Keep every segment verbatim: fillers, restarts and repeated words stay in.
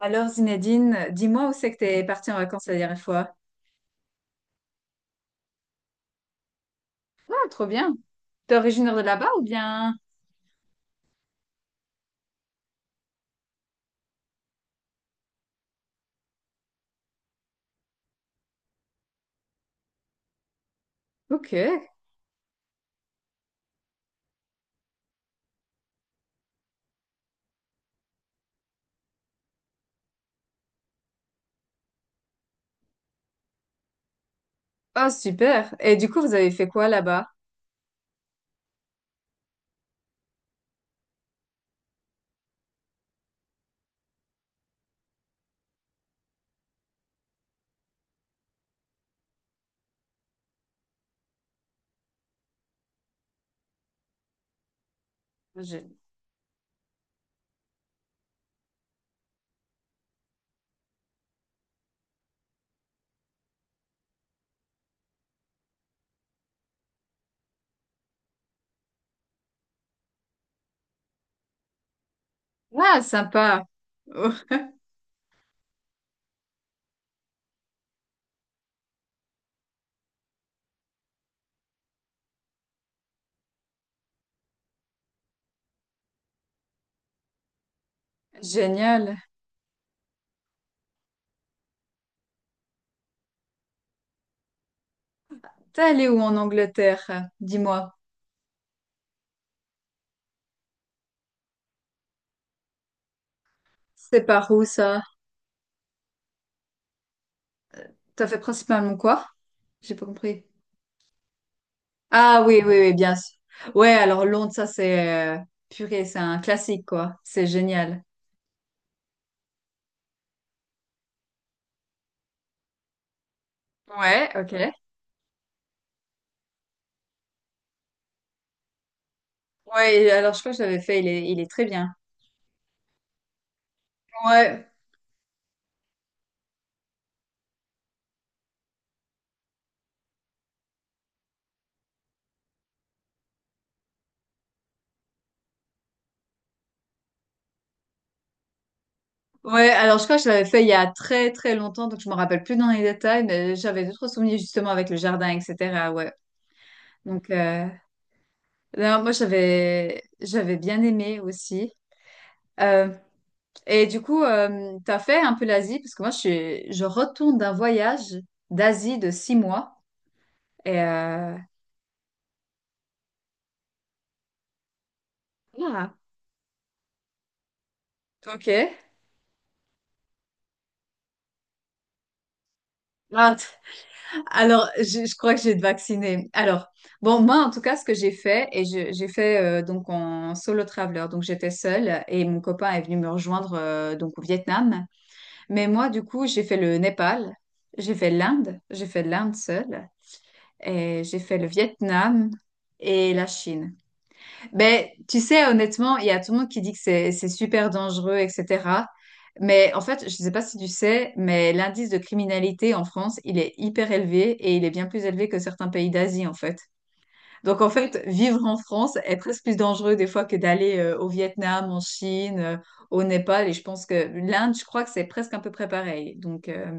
Alors Zinedine, dis-moi où c'est que t'es partie en vacances la dernière fois? Ah, trop bien. T'es originaire de là-bas ou bien? Ok. Ah, super. Et du coup, vous avez fait quoi là-bas? Je- Ah, sympa. Oh, génial. T'es allé où en Angleterre? Dis-moi. C'est par où ça? T'as fait principalement quoi? J'ai pas compris. Ah oui, oui, oui, bien sûr. Ouais, alors Londres, ça c'est euh, purée, c'est un classique quoi. C'est génial. Ouais, ok. Ouais, et alors je crois que je l'avais fait, il est, il est très bien. Ouais, ouais, alors je crois que je l'avais fait il y a très très longtemps, donc je me rappelle plus dans les détails, mais j'avais d'autres souvenirs justement avec le jardin, et cetera. Ouais. Donc euh, non, moi j'avais j'avais bien aimé aussi. Euh, et du coup, euh, t'as fait un peu l'Asie parce que moi je suis je retourne d'un voyage d'Asie de six mois et euh, Ah. Ok. Ah, alors, je, je crois que j'ai été vaccinée. Alors, bon, moi, en tout cas, ce que j'ai fait, et je- j'ai fait euh, donc en solo traveler, donc j'étais seule et mon copain est venu me rejoindre euh, donc au Vietnam. Mais moi, du coup, j'ai fait le Népal, j'ai fait l'Inde, j'ai fait l'Inde seule, et j'ai fait le Vietnam et la Chine. Ben, tu sais, honnêtement, il y a tout le monde qui dit que c'est c'est super dangereux, et cetera. Mais en fait, je ne sais pas si tu sais, mais l'indice de criminalité en France, il est hyper élevé et il est bien plus élevé que certains pays d'Asie, en fait. Donc, en fait, vivre en France est presque plus dangereux des fois que d'aller euh, au Vietnam, en Chine, euh, au Népal. Et je pense que l'Inde, je crois que c'est presque un peu près pareil. Donc, euh,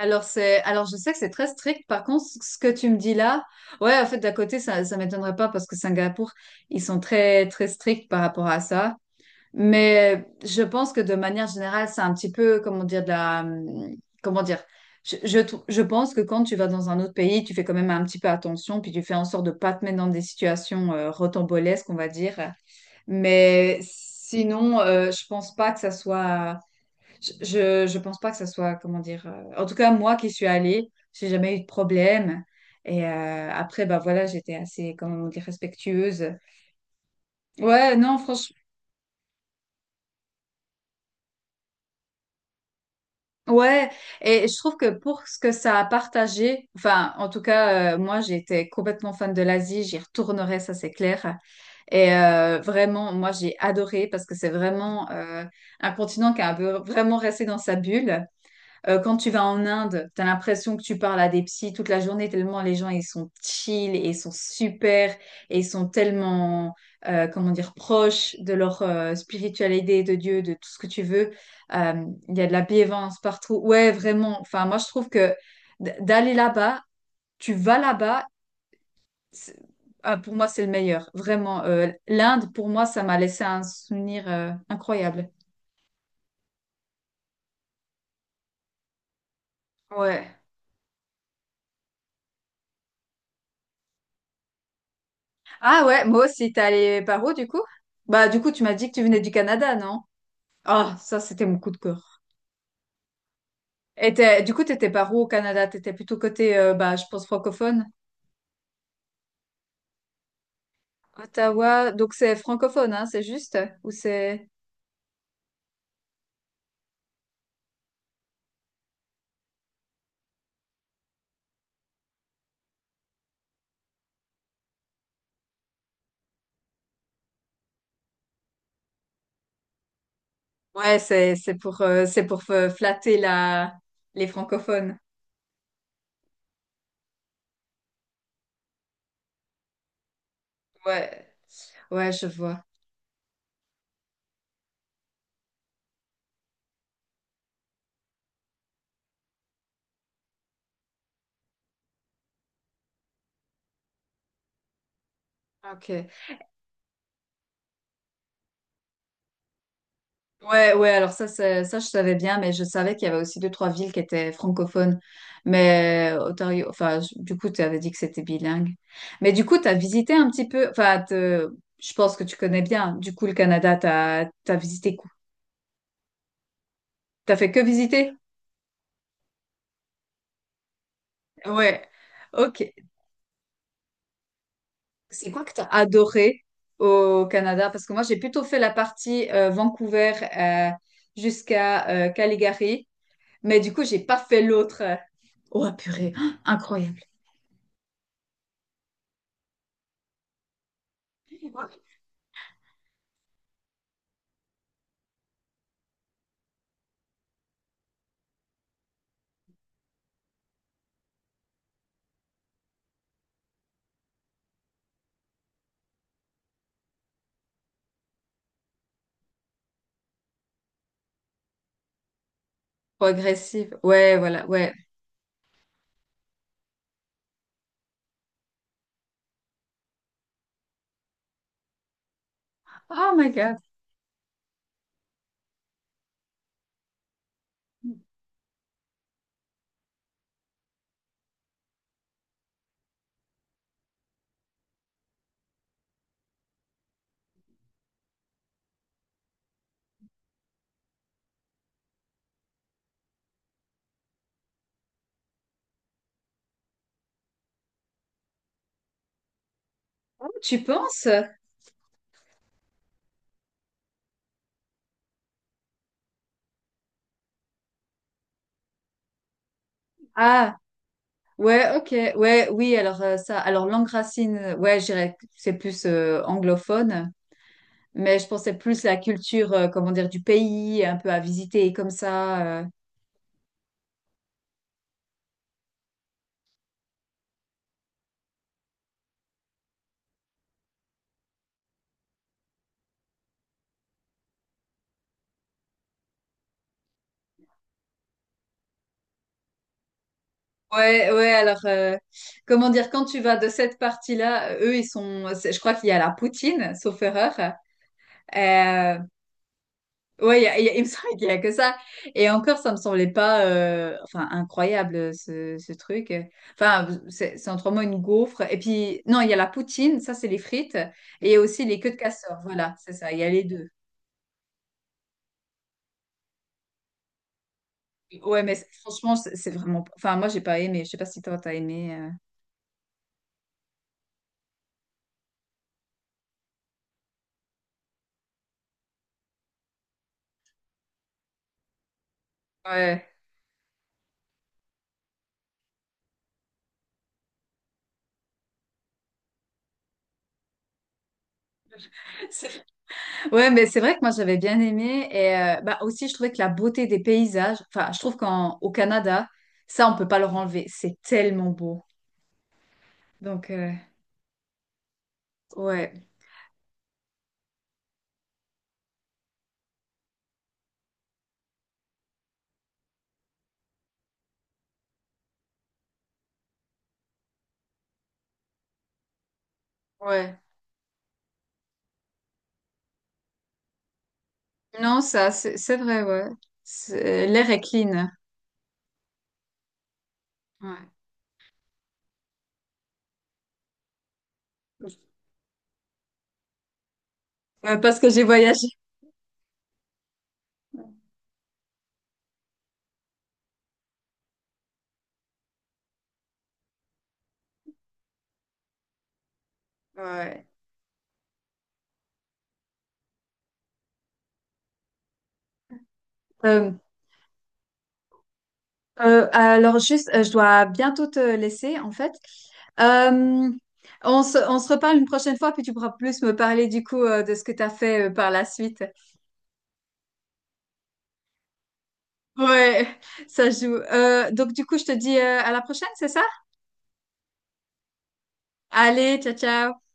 Alors c'est, alors je sais que c'est très strict. Par contre, ce ce que tu me dis là, ouais, en fait, d'à côté, ça, ça m'étonnerait pas parce que Singapour, ils sont très, très stricts par rapport à ça. Mais je pense que de manière générale, c'est un petit peu, comment dire, de la, comment dire, je, je, trou- je pense que quand tu vas dans un autre pays, tu fais quand même un petit peu attention, puis tu fais en sorte de pas te mettre dans des situations euh, rocambolesques, on va dire. Mais sinon, euh, je pense pas que ça soit je, je pense pas que ça soit, comment dire, euh, en tout cas, moi qui suis allée, j'ai jamais eu de problème. Et euh, après, bah voilà, j'étais assez, comment on dit, respectueuse. Ouais, non, franchement, ouais. Et je trouve que pour ce que ça a partagé, enfin, en tout cas, euh, moi, j'étais complètement fan de l'Asie, j'y retournerai, ça c'est clair. Et euh, vraiment, moi, j'ai adoré parce que c'est vraiment euh, un continent qui a un peu vraiment resté dans sa bulle. Euh, quand tu vas en Inde, tu as l'impression que tu parles à des psys toute la journée, tellement les gens, ils sont chill et ils sont super et ils sont tellement, euh, comment dire, proches de leur euh, spiritualité, de Dieu, de tout ce que tu veux. Euh, Il y a de la bienveillance partout. Ouais, vraiment. Enfin, moi, je trouve que d- d'aller là-bas, tu vas là-bas, c'est- ah, pour moi, c'est le meilleur. Vraiment. Euh, L'Inde, pour moi, ça m'a laissé un souvenir euh, incroyable. Ouais. Ah ouais, moi aussi, t'es allé par où du coup? Bah du coup, tu m'as dit que tu venais du Canada, non? Ah, ça c'était mon coup de cœur. Et t'es- du coup, t'étais par où au Canada? T'étais plutôt côté, euh, bah je pense francophone. Ottawa, donc c'est francophone, hein, c'est juste? Ou c'est. Ouais, c'est c'est pour euh, c'est pour euh, flatter la les francophones. Ouais, ouais, je vois. Ok. Ouais, ouais, alors ça, c'est- ça, je savais bien, mais je savais qu'il y avait aussi deux, trois villes qui étaient francophones. Mais euh, Ontario, enfin, je- du coup, tu avais dit que c'était bilingue. Mais du coup, tu as visité un petit peu, enfin, te- je pense que tu connais bien, du coup, le Canada, t'as, t'as visité quoi? T'as fait que visiter? Ouais. Ok. C'est quoi que t'as adoré au Canada? Parce que moi, j'ai plutôt fait la partie euh, Vancouver euh, jusqu'à euh, Calgary, mais du coup, j'ai pas fait l'autre. euh. Oh, purée, incroyable. Progressive. Ouais, voilà, ouais. Oh my God. Oh, tu penses? Ah, ouais, ok. Ouais, oui, alors euh, ça. Alors, langue racine, euh, ouais, je dirais que c'est plus euh, anglophone, mais je pensais plus la culture, euh, comment dire, du pays, un peu à visiter comme ça. euh. Ouais, ouais, alors, euh, comment dire, quand tu vas de cette partie-là, euh, eux, ils sont, c'est- je crois qu'il y a la poutine, sauf erreur. Euh, Ouais, il y a- il y a- il me semble qu'il y a que ça. Et encore, ça me semblait pas, euh, enfin, incroyable ce, ce truc. Enfin, c'est c'est en trois mots une gaufre. Et puis, non, il y a la poutine, ça c'est les frites, et il y a aussi les queues de castor. Voilà, c'est ça. Il y a les deux. Ouais, mais c'est- franchement, c'est c'est vraiment. Enfin, moi, j'ai pas aimé. Je sais pas si toi t'as aimé. euh. Ouais. C'est- Ouais, mais c'est vrai que moi j'avais bien aimé et euh, bah aussi je trouvais que la beauté des paysages. Enfin, je trouve qu'en au Canada, ça on peut pas le enlever. C'est tellement beau. Donc euh, ouais, ouais. Non, ça, c'est c'est vrai, ouais. C'est- L'air est clean. Ouais. Euh, parce que j'ai voyagé. Ouais. Ouais. Euh, euh, alors juste, euh, je dois bientôt te laisser en fait. Euh, on se, on se reparle une prochaine fois, puis tu pourras plus me parler du coup euh, de ce que tu as fait euh, par la suite. Ouais, ça joue. Euh, donc du coup, je te dis euh, à la prochaine, c'est ça? Allez, ciao, ciao.